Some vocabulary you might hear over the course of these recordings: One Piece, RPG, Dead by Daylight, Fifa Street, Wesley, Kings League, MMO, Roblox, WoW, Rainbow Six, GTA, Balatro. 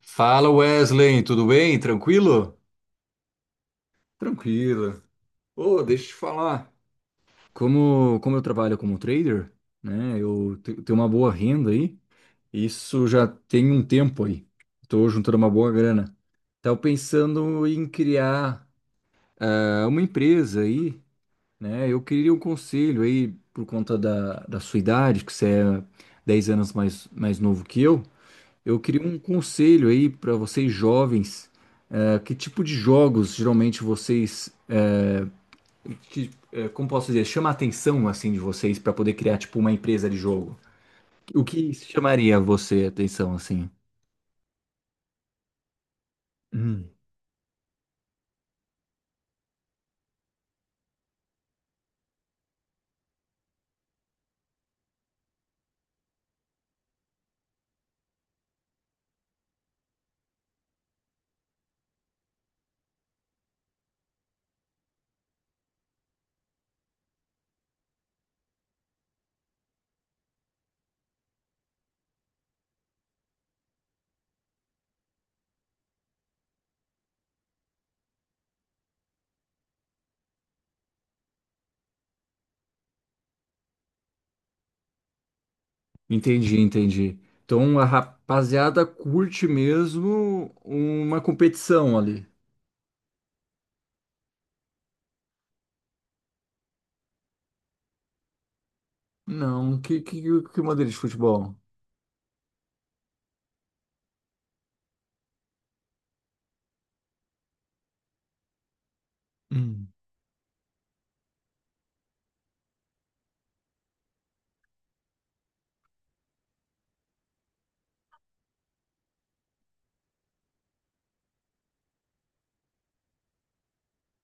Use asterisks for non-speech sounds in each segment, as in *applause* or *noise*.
Fala, Wesley, tudo bem? Tranquilo? Tranquilo. Ô, deixa eu te falar. Como eu trabalho como trader, né? Tenho uma boa renda aí. Isso já tem um tempo aí. Estou juntando uma boa grana. Estava pensando em criar uma empresa aí, né? Eu queria um conselho aí por conta da sua idade, que você é 10 anos mais novo que eu. Eu queria um conselho aí para vocês jovens. É, que tipo de jogos geralmente vocês, que, é, como posso dizer, chama a atenção assim de vocês para poder criar tipo uma empresa de jogo? O que chamaria você a atenção assim? Hum, entendi, entendi. Então a rapaziada curte mesmo uma competição ali. Não, que maneira de futebol? Hum,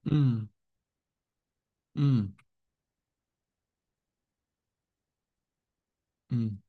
hum, hum, hum.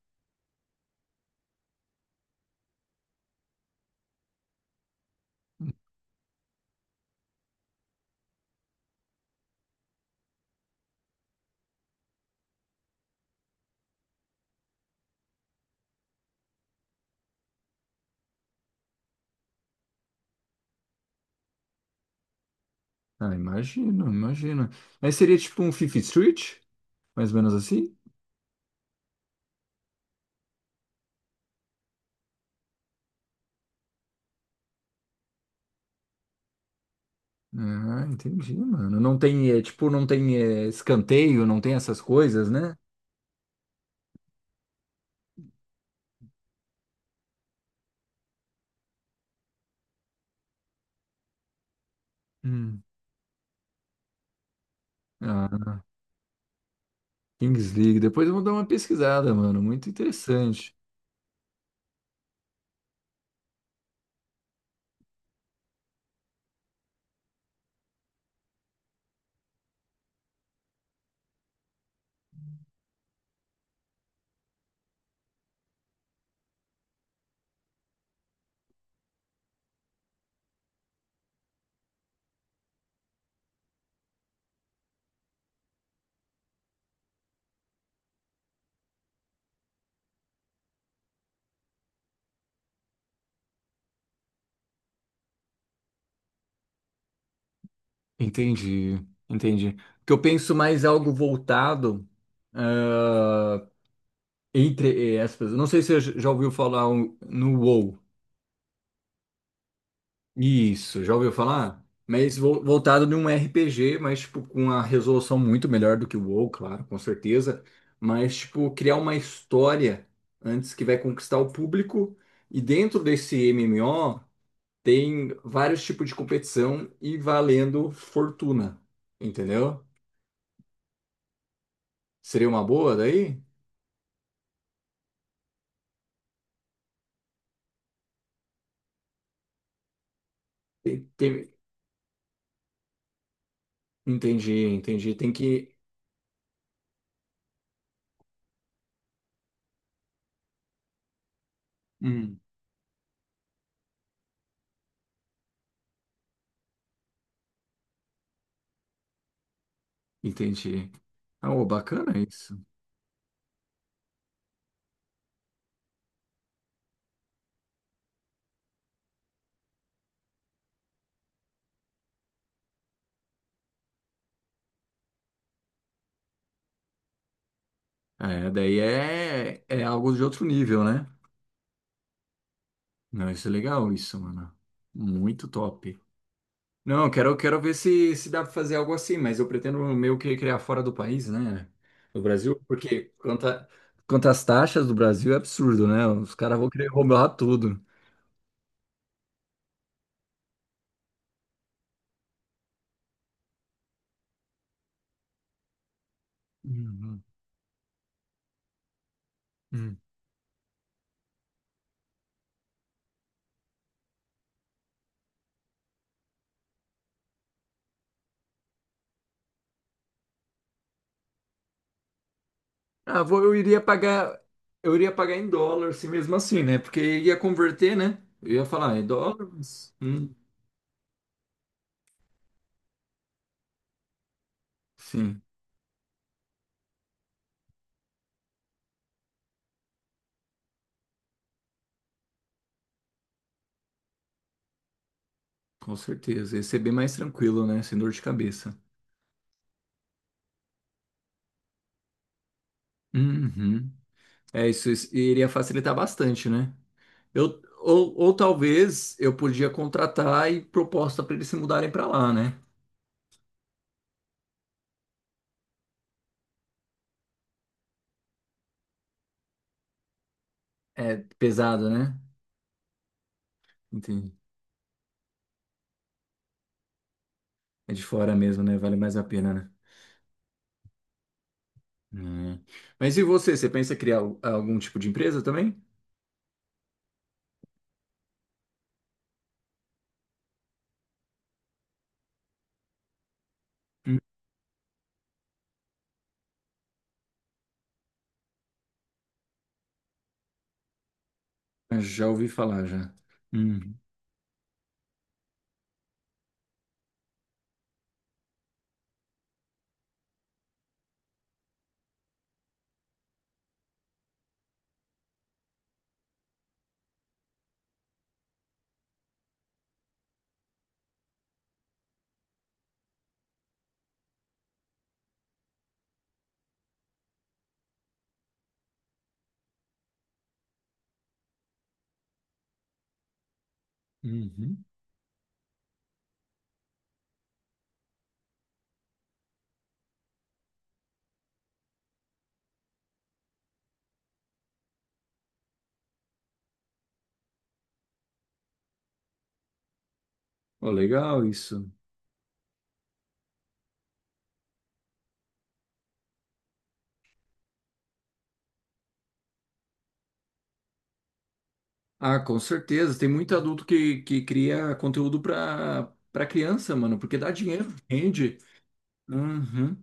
Ah, imagino, imagino. Mas seria tipo um Fifa Street? Mais ou menos assim? Ah, entendi, mano. Não tem escanteio, não tem essas coisas, né? Hum. Ah, Kings League. Depois eu vou dar uma pesquisada, mano. Muito interessante. Entendi, entendi. Porque eu penso mais algo voltado ah, entre aspas. Não sei se você já ouviu falar no WoW. Isso, já ouviu falar? Mas voltado num RPG, mas tipo com uma resolução muito melhor do que o WoW, claro, com certeza. Mas tipo criar uma história antes que vai conquistar o público. E dentro desse MMO tem vários tipos de competição e valendo fortuna, entendeu? Seria uma boa daí? Tem- tem- Entendi, entendi. Tem que Hum, entendi. Ah, ô, bacana isso. É, daí é, é algo de outro nível, né? Não, isso é legal, isso, mano. Muito top. Não, eu quero ver se, se dá pra fazer algo assim, mas eu pretendo meio que criar fora do país, né? Do Brasil, porque quanto às taxas do Brasil é absurdo, né? Os caras vão querer roubar tudo. Uhum. Uhum. Ah, vou, eu iria pagar, Eu iria pagar em dólar, se mesmo assim, né? Porque ia converter, né? Eu ia falar, em dólar? Mas, sim, com certeza. Ia ser bem mais tranquilo, né? Sem dor de cabeça. Uhum. É, isso iria facilitar bastante, né? Ou talvez eu podia contratar e proposta para eles se mudarem para lá, né? É pesado, né? Entendi. É de fora mesmo, né? Vale mais a pena, né? Hum. Mas e você? Você pensa em criar algum tipo de empresa também? Já ouvi falar, já. Hum, uhum. Ó, legal isso. Ah, com certeza. Tem muito adulto que cria conteúdo para para criança, mano, porque dá dinheiro, rende. Uhum.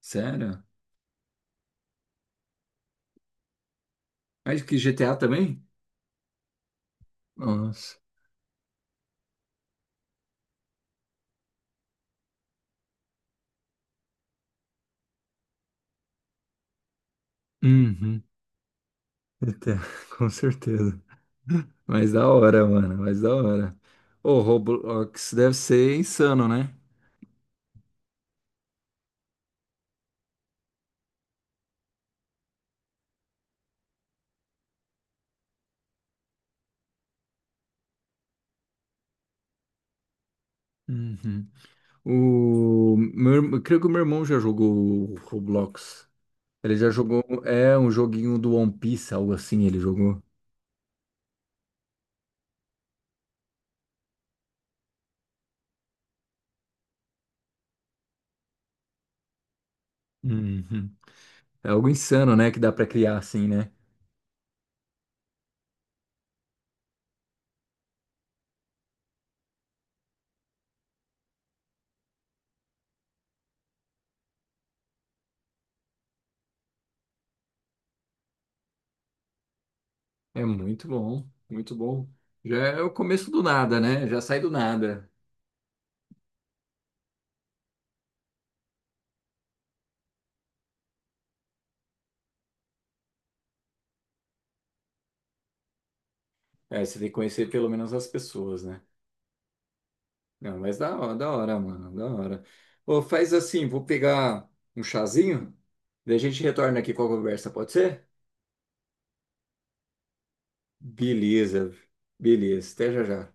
Sério? Mas que GTA também? Nossa. Uhum. Até, *laughs* com certeza. Mas da hora, mano. Mas da hora. O Roblox deve ser insano, né? Uhum. Eu creio que o meu irmão já jogou o Roblox. Ele já jogou, é um joguinho do One Piece, algo assim, ele jogou. Uhum. É algo insano, né, que dá pra criar assim, né? É muito bom, muito bom. Já é o começo do nada, né? Já sai do nada. É, você tem que conhecer pelo menos as pessoas, né? Não, mas da hora, mano, da hora. Ô, faz assim, vou pegar um chazinho, daí a gente retorna aqui com a conversa, pode ser? Beleza, beleza, até já já.